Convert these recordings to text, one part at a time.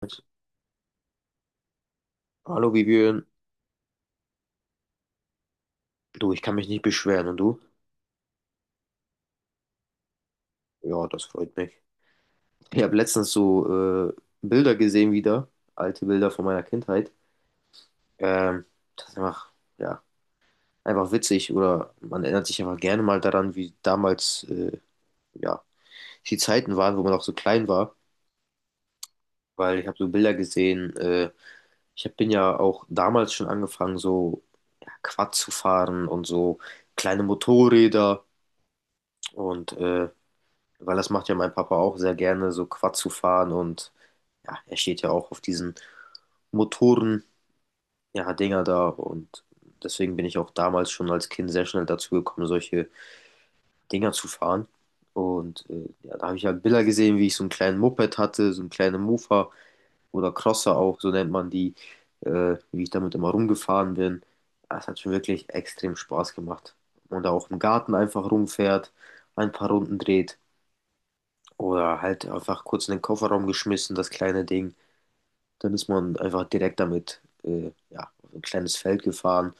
Mit, Hallo Vivian, du, ich kann mich nicht beschweren und du? Ja, das freut mich. Ich habe letztens so Bilder gesehen wieder, alte Bilder von meiner Kindheit. Ähm, das ist einfach, ja, einfach witzig oder man erinnert sich einfach gerne mal daran, wie damals, ja, die Zeiten waren, wo man auch so klein war, weil ich habe so Bilder gesehen. Bin ja auch damals schon angefangen, so ja, Quad zu fahren und so kleine Motorräder. und äh, Weil das macht ja mein Papa auch sehr gerne, so Quad zu fahren und ja, er steht ja auch auf diesen Motoren, ja, Dinger da und deswegen bin ich auch damals schon als Kind sehr schnell dazu gekommen, solche Dinger zu fahren. Und ja, da habe ich halt Bilder gesehen, wie ich so einen kleinen Moped hatte, so einen kleinen Mofa oder Crosser auch, so nennt man die, wie ich damit immer rumgefahren bin. Das hat schon wirklich extrem Spaß gemacht. Und da auch im Garten einfach rumfährt, ein paar Runden dreht. Oder halt einfach kurz in den Kofferraum geschmissen, das kleine Ding. Dann ist man einfach direkt damit, ja, auf ein kleines Feld gefahren,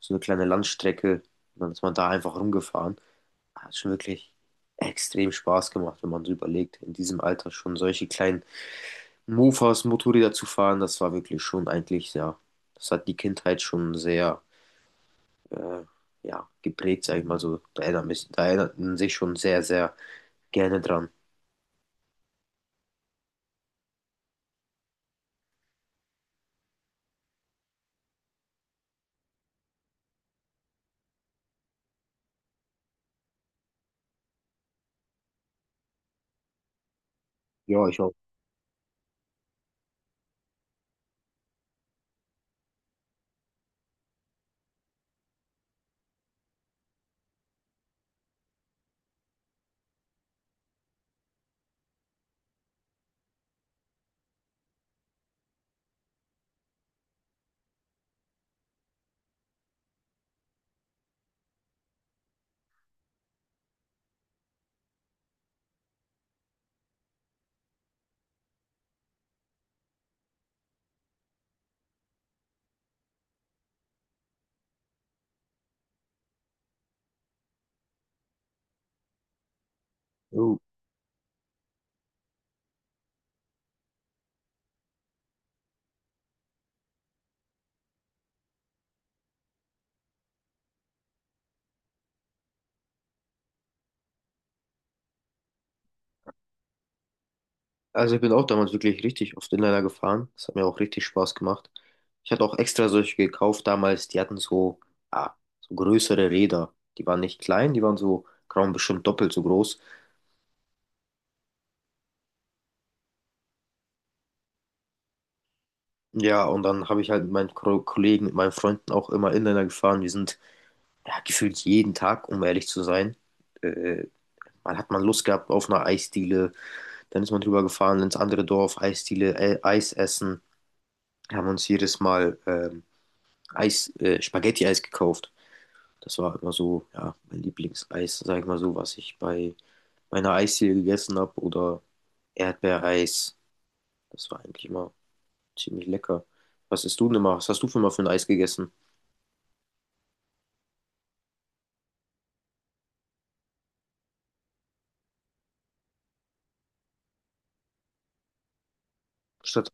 so eine kleine Landstrecke. Dann ist man da einfach rumgefahren. Hat schon wirklich extrem Spaß gemacht, wenn man so überlegt, in diesem Alter schon solche kleinen Mofas, Motorräder zu fahren. Das war wirklich schon eigentlich, ja, das hat die Kindheit schon sehr, äh, ja, geprägt, sag ich mal so. Da erinnert man sich schon sehr, sehr gerne dran. Ja, ich auch. Jo. Also ich bin auch damals wirklich richtig oft Inliner gefahren. Das hat mir auch richtig Spaß gemacht. Ich hatte auch extra solche gekauft damals, die hatten so, ah, so größere Räder. Die waren nicht klein, die waren so, keine Ahnung, bestimmt doppelt so groß. Ja, und dann habe ich halt mit meinen Kollegen, mit meinen Freunden auch immer Inliner gefahren. Wir sind ja, gefühlt jeden Tag, um ehrlich zu sein. Äh, Man hat man Lust gehabt auf eine Eisdiele, dann ist man drüber gefahren ins andere Dorf, Eisdiele, Eis essen. Haben uns jedes Mal Spaghetti-Eis gekauft. Das war immer so, ja, mein Lieblingseis, sag ich mal so, was ich bei meiner Eisdiele gegessen habe oder Erdbeereis. Das war eigentlich immer ziemlich lecker. Was isst du denn immer? Was hast du für mal für ein Eis gegessen? Statt,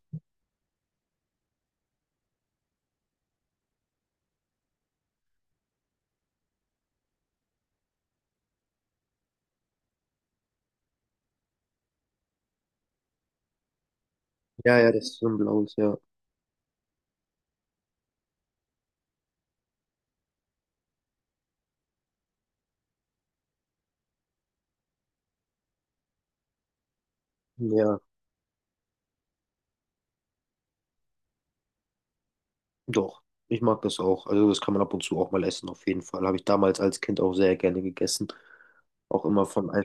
ja, ja, das ist so ein blaues, ja. Ja, doch. Ich mag das auch. Also das kann man ab und zu auch mal essen, auf jeden Fall. Habe ich damals als Kind auch sehr gerne gegessen. Auch immer von Eis.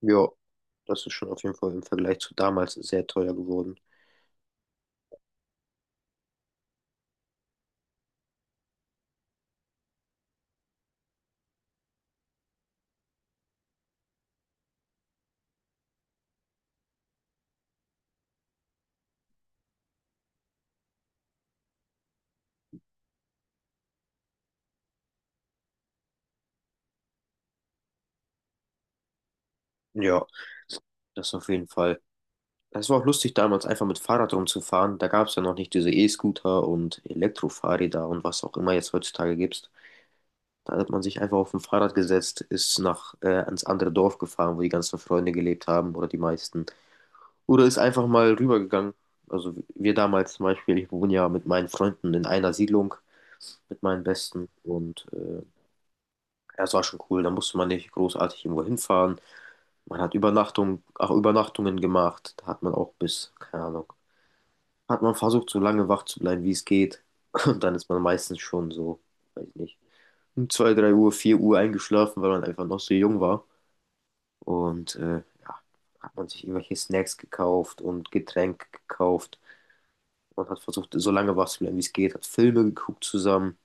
Ja, das ist schon auf jeden Fall im Vergleich zu damals sehr teuer geworden. Ja, das auf jeden Fall. Es war auch lustig damals einfach mit Fahrrad rumzufahren. Da gab es ja noch nicht diese E-Scooter und Elektrofahrräder und was auch immer jetzt heutzutage gibt. Da hat man sich einfach auf ein Fahrrad gesetzt, ist nach ans andere Dorf gefahren, wo die ganzen Freunde gelebt haben oder die meisten. Oder ist einfach mal rübergegangen. Also wir damals zum Beispiel, ich wohne ja mit meinen Freunden in einer Siedlung, mit meinen Besten und ja, es war schon cool. Da musste man nicht großartig irgendwo hinfahren. Man hat Übernachtung, auch Übernachtungen gemacht. Da hat man auch bis, keine Ahnung. Hat man versucht, so lange wach zu bleiben, wie es geht. Und dann ist man meistens schon so, weiß nicht, um 2 3 Uhr, 4 Uhr eingeschlafen, weil man einfach noch so jung war. Und ja, hat man sich irgendwelche Snacks gekauft und Getränke gekauft. Und hat versucht, so lange wach zu bleiben, wie es geht, hat Filme geguckt zusammen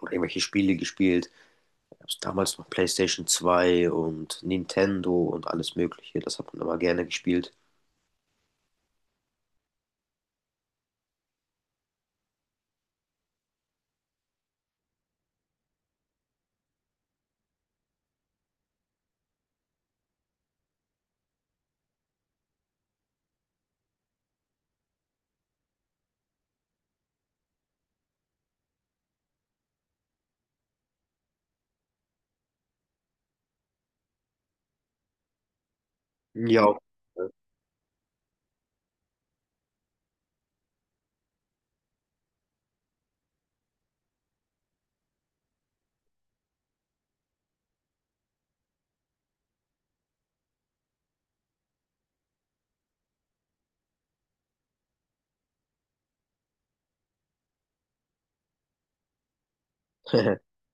oder irgendwelche Spiele gespielt. Gab's damals noch PlayStation 2 und Nintendo und alles Mögliche. Das hat man immer gerne gespielt. Ja.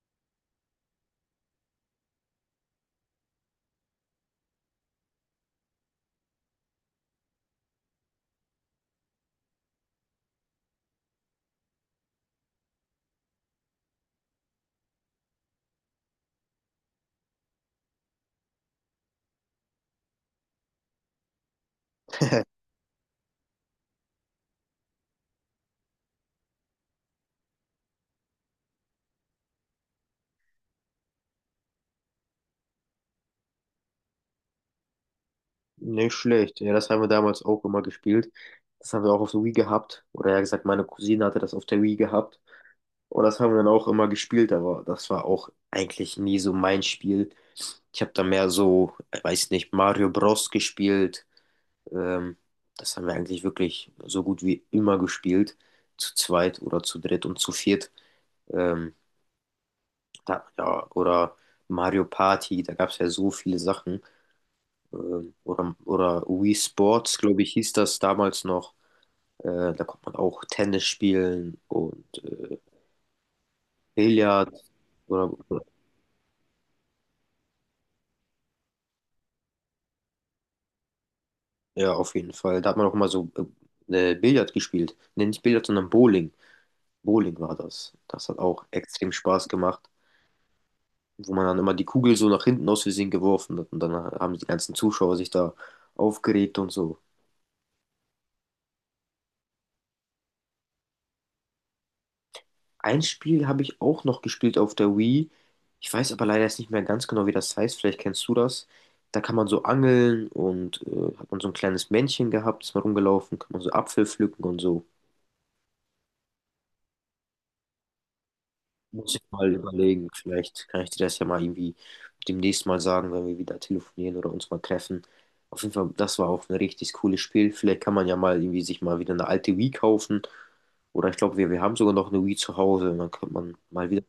Nicht schlecht. Ja, das haben wir damals auch immer gespielt. Das haben wir auch auf der Wii gehabt. Oder ja gesagt, meine Cousine hatte das auf der Wii gehabt. Und das haben wir dann auch immer gespielt, aber das war auch eigentlich nie so mein Spiel. Ich habe da mehr so, ich weiß nicht, Mario Bros. Gespielt. Ähm, das haben wir eigentlich wirklich so gut wie immer gespielt. Zu zweit oder zu dritt und zu viert. Ähm, ja, oder Mario Party, da gab es ja so viele Sachen. Oder Wii Sports, glaube ich, hieß das damals noch. Da kommt man auch Tennis spielen und Billard. Oder, ja, auf jeden Fall. Da hat man auch mal so Billard gespielt. Nee, nicht Billard, sondern Bowling. Bowling war das. Das hat auch extrem Spaß gemacht, wo man dann immer die Kugel so nach hinten aus Versehen geworfen hat und dann haben die ganzen Zuschauer sich da aufgeregt und so. Ein Spiel habe ich auch noch gespielt auf der Wii. Ich weiß aber leider jetzt nicht mehr ganz genau, wie das heißt. Vielleicht kennst du das. Da kann man so angeln und hat man so ein kleines Männchen gehabt, ist mal rumgelaufen, kann man so Apfel pflücken und so. Muss ich mal überlegen. Vielleicht kann ich dir das ja mal irgendwie demnächst mal sagen, wenn wir wieder telefonieren oder uns mal treffen. Auf jeden Fall, das war auch ein richtig cooles Spiel. Vielleicht kann man ja mal irgendwie sich mal wieder eine alte Wii kaufen. Oder ich glaube, wir haben sogar noch eine Wii zu Hause. Und dann kann man mal wieder,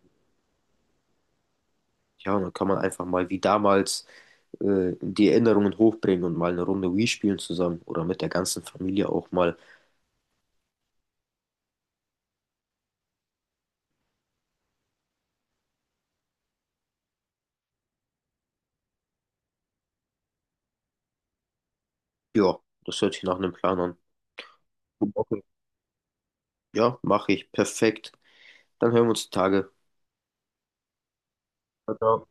ja, und dann kann man einfach mal wie damals die Erinnerungen hochbringen und mal eine Runde Wii spielen zusammen oder mit der ganzen Familie auch mal. Ja, das hört sich nach einem Plan an. Okay. Ja, mache ich. Perfekt. Dann hören wir uns die Tage. Ciao, ciao.